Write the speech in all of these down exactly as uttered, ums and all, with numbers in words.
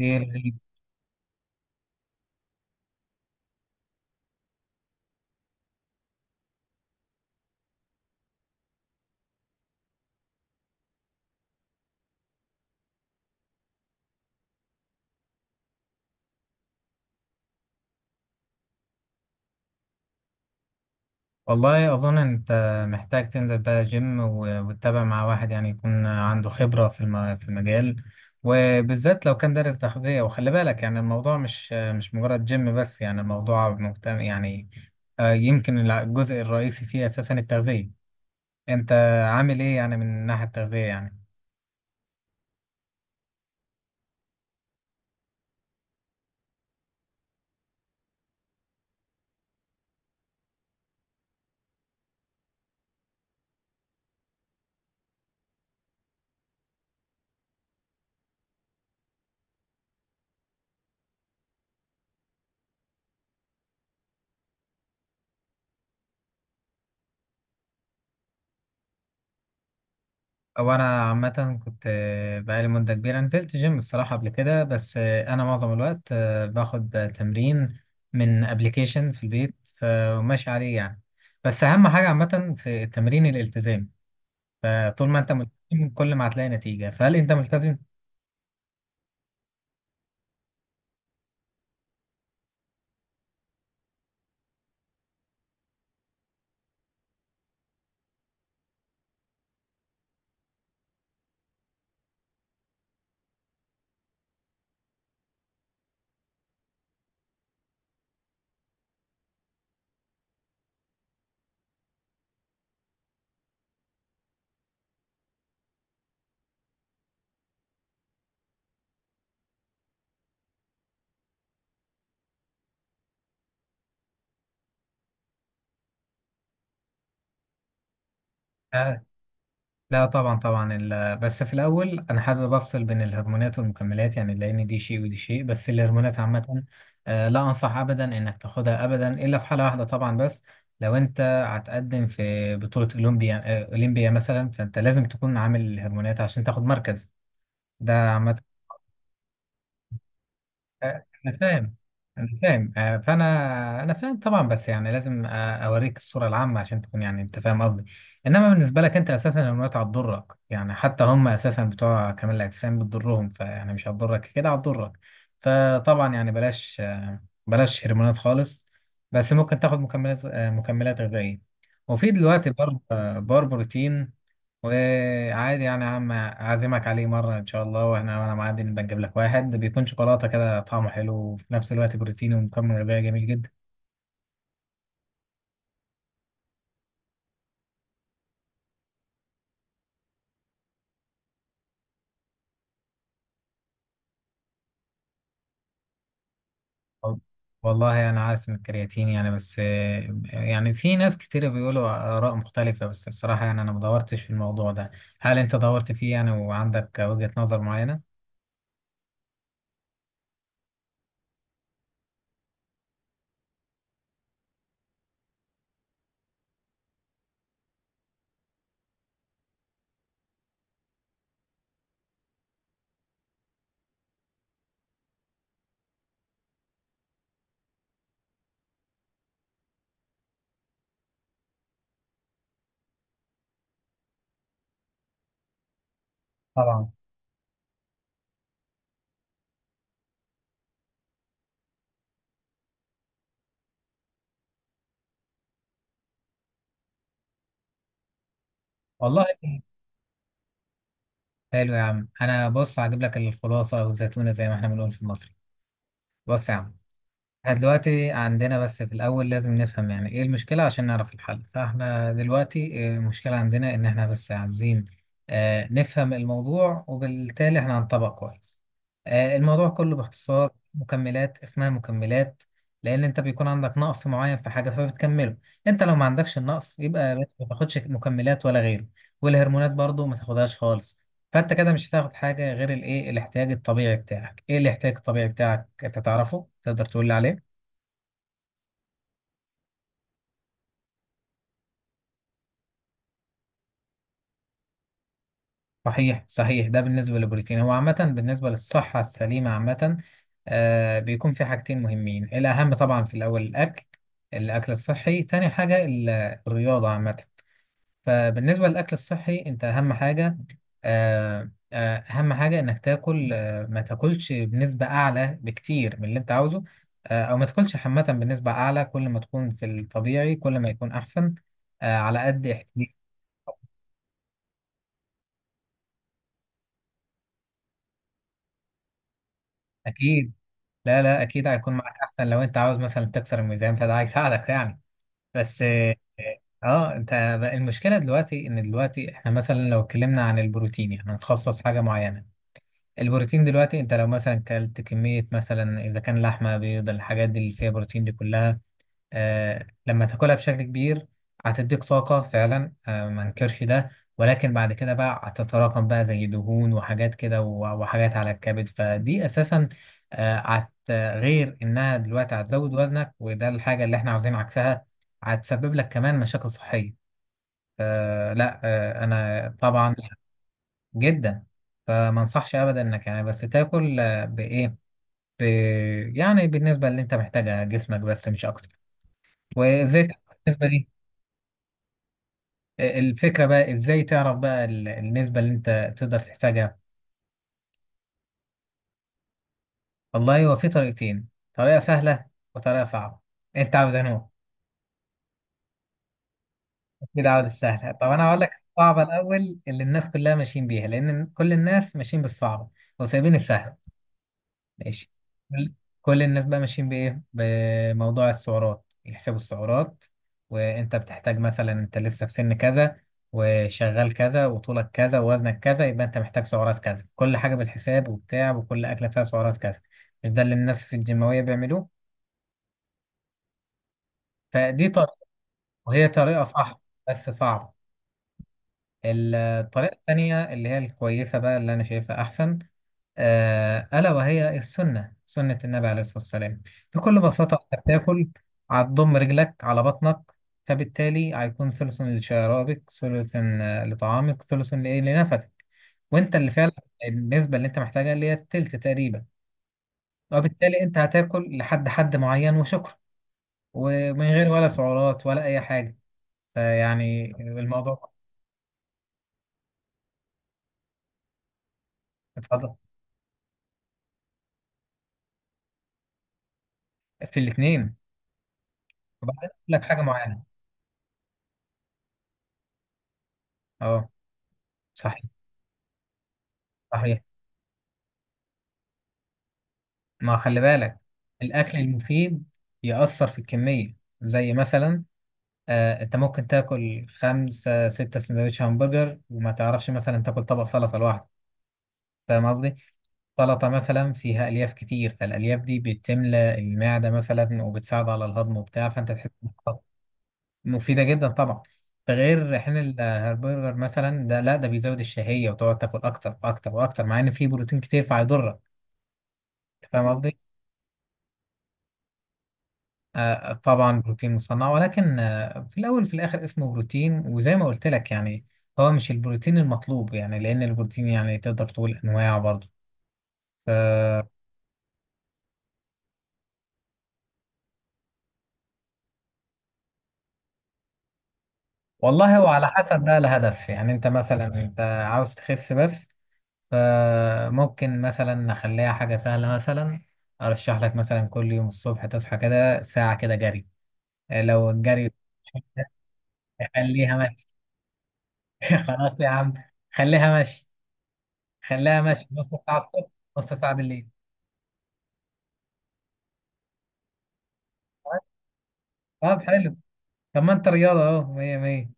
ايه رهيب. والله اظن انت محتاج تنزل بقى جيم و- وتتابع مع واحد، يعني يكون عنده خبرة في الم- في المجال، وبالذات لو كان دارس تغذية. وخلي بالك يعني الموضوع مش مش مجرد جيم بس، يعني الموضوع مهتم يعني. آه، يمكن الع- الجزء الرئيسي فيه اساسا التغذية. انت عامل ايه يعني من الناحية التغذية يعني؟ او انا عامه كنت آه، بقالي مده كبيره نزلت جيم الصراحه قبل كده، بس آه، انا معظم الوقت آه، باخد آه، تمرين من ابلكيشن في البيت، فماشي عليه يعني. بس اهم حاجه عامه في التمرين الالتزام، فطول ما انت ملتزم كل ما هتلاقي نتيجه. فهل انت ملتزم؟ لا طبعا طبعا ال- بس في الاول انا حابب افصل بين الهرمونات والمكملات، يعني لان دي شيء ودي شيء. بس الهرمونات عامه آه، لا انصح ابدا انك تاخدها ابدا، الا في حاله واحده طبعا، بس لو انت هتقدم في بطوله اولمبيا، آه، اولمبيا مثلا، فانت لازم تكون عامل الهرمونات عشان تاخد مركز. ده عامه. آه، انا فاهم، انا فاهم، آه، فانا انا فاهم طبعا، بس يعني لازم آه، اوريك الصوره العامه عشان تكون يعني انت فاهم قصدي. انما بالنسبه لك انت اساسا الهرمونات هتضرك، يعني حتى هم اساسا بتوع كمال الاجسام بتضرهم، فيعني مش هتضرك كده هتضرك. فطبعا يعني بلاش، آه، بلاش هرمونات خالص. بس ممكن تاخد مكملات، آه، مكملات غذائيه. وفي دلوقتي بار آه، بار بروتين، وعادي يعني يا عم أعزمك عليه مرة إن شاء الله، وإحنا وأنا معدي نبقى نجيب لك واحد بيكون شوكولاتة كده طعمه حلو، وفي نفس الوقت بروتيني ومكمل غذائي جميل جدا. وال- والله أنا يعني عارف إن الكرياتين يعني، بس آه، يعني في ناس كتير بيقولوا آراء مختلفة، بس الصراحة يعني أنا ما دورتش في الموضوع ده. هل أنت دورت فيه يعني وعندك وجهة نظر معينة؟ طبعا. والله. حلو يا عم، أنا بص هجيب لك الخلاصة أو الزيتونة زي ما إحنا بنقول في المصري. بص يا عم، احنا دلوقتي عندنا، بس في الأول لازم نفهم يعني إيه المشكلة عشان نعرف الحل. فاحنا دلوقتي آه، المشكلة عندنا إن احنا بس عاوزين آه، نفهم الموضوع، وبالتالي احنا هنطبق كويس. آه، الموضوع كله باختصار مكملات، اسمها مكملات لأن أنت بيكون عندك نقص معين في حاجة فبتكمله. أنت لو ما عندكش النقص يبقى بس ما تاخدش مكملات ولا غيره. والهرمونات برضو ما تاخدهاش خالص. فأنت كده مش هتاخد حاجة غير الإيه، الاحتياج الطبيعي بتاعك. إيه الاحتياج الطبيعي بتاعك؟ أنت تعرفه؟ تقدر تقول لي عليه؟ صحيح صحيح. ده بالنسبة للبروتين، هو عامة بالنسبة للصحة السليمة عامة آه بيكون في حاجتين مهمين. الأهم طبعا في الأول الأكل، الأكل الصحي. تاني حاجة ال- الرياضة عامة. فبالنسبة للأكل الصحي، أنت أهم حاجة، آه آه أهم حاجة إنك تاكل، آه ما تاكلش بنسبة أعلى بكتير من اللي أنت عاوزه، آه، أو ما تاكلش عامة بنسبة أعلى. كل ما تكون في الطبيعي كل ما يكون أحسن، آه على قد احتياجك. أكيد. لا لا اكيد هيكون معاك احسن، لو انت عاوز مثلا تكسر الميزان فده هيساعدك يعني. بس اه. آه، انت بقى المشكله دلوقتي ان دلوقتي احنا مثلا لو اتكلمنا عن البروتين، يعني هنخصص حاجه معينه. البروتين دلوقتي انت لو مثلا كلت كميه مثلا، اذا كان لحمه بيض الحاجات دي اللي فيها بروتين دي كلها، آه، لما تاكلها بشكل كبير هتديك طاقة فعلا، آه، ما انكرش ده. ولكن بعد كده بقى هتتراكم بقى زي دهون وحاجات كده، و- وحاجات على الكبد. فدي أساسا آه، هت غير إنها دلوقتي هتزود وزنك، وده الحاجة اللي احنا عاوزين عكسها. هتسبب لك كمان مشاكل صحية، آه، لا آه، أنا طبعا جدا. فما انصحش أبدا إنك يعني، بس تاكل آه، بإيه، ب- يعني بالنسبة اللي أنت محتاجها جسمك، بس مش أكتر. وزيت بالنسبة لي. الفكرة بقى ازاي تعرف بقى ال- النسبة اللي انت تقدر تحتاجها. والله هو في طريقتين، طريقة سهلة وطريقة صعبة. انت عاوز انه؟ اكيد عاوز السهلة. طب انا هقول لك الصعبة الاول اللي الناس كلها ماشيين بيها، لان كل الناس ماشيين بالصعبة وسايبين السهلة. ماشي. كل كل الناس بقى ماشيين بإيه، بموضوع السعرات. يحسبوا السعرات، وأنت بتحتاج مثلا، أنت لسه في سن كذا وشغال كذا وطولك كذا ووزنك كذا، يبقى أنت محتاج سعرات كذا، كل حاجة بالحساب وبتاع، وكل أكلة فيها سعرات كذا. مش ده اللي الناس الجيماوية بيعملوه؟ فدي طريقة، وهي طريقة صح بس صعبة. الطريقة التانية اللي هي الكويسة بقى، اللي أنا شايفها أحسن، آه، ألا وهي السنة، سنة النبي عليه الصلاة والسلام. بكل بساطة أنت بتاكل، هتضم رجلك على بطنك، فبالتالي هيكون ثلث لشرابك، ثلث آه، لطعامك، ثلث لإيه لنفسك، وأنت اللي فعلا النسبة اللي أنت محتاجها اللي هي التلت تقريبا. وبالتالي أنت هتاكل لحد حد معين وشكرا، ومن غير ولا سعرات ولا أي حاجة. فيعني الموضوع. اتفضل. في الاتنين. وبعدين أقول لك حاجة معينة. أه صحيح صحيح. ما خلي بالك، الأكل المفيد يأثر في الكمية. زي مثلا، آه، أنت ممكن تاكل خمسة ستة سندوتش همبرجر، وما تعرفش مثلا تاكل طبق سلطة لوحده. فاهم قصدي؟ سلطة مثلا فيها ألياف كتير، فالألياف دي بتملى المعدة مثلا وبتساعد على الهضم وبتاع، فأنت تحس إنها مفيدة جدا طبعا. ده غير حين الهربرجر مثلا، ده لا ده بيزود الشهية وتقعد تاكل أكتر وأكتر وأكتر، مع إن فيه بروتين كتير فهيضرك. أنت فاهم قصدي؟ آه، طبعا بروتين مصنع، ولكن آه، في الاول وفي الاخر اسمه بروتين، وزي ما قلت لك يعني هو مش البروتين المطلوب، يعني لان البروتين يعني تقدر تقول انواع برضه. ف-. والله هو على حسب بقى الهدف، يعني انت مثلا انت عاوز تخس بس فممكن مثلا نخليها حاجه سهله مثلا. ارشح لك مثلا كل يوم الصبح تصحى كده ساعه كده جري، آه، لو الجري. خليها ماشي. خلاص يا عم. خليها ماشي. خليها ماشي نص ساعة الصبح، نص ساعة بالليل. طب حلو. طب ما انت رياضة اهو مية مية.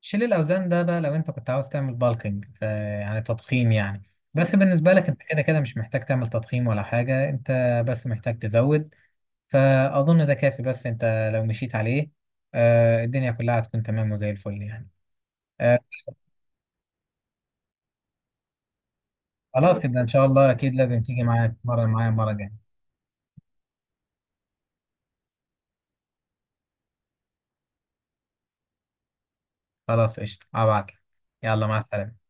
شيل الأوزان ده بقى لو انت كنت عاوز تعمل بالكينج يعني تضخيم يعني، بس بالنسبة لك انت كده كده مش محتاج تعمل تضخيم ولا حاجة، انت بس محتاج تزود. فأظن ده كافي، بس انت لو مشيت عليه آه الدنيا كلها هتكون تمام وزي الفل يعني. آه. خلاص يبقى ان شاء الله اكيد لازم تيجي معايا تتمرن معايا المرة الجاية. خلاص قشطة هبعتلك. يلا مع السلامة.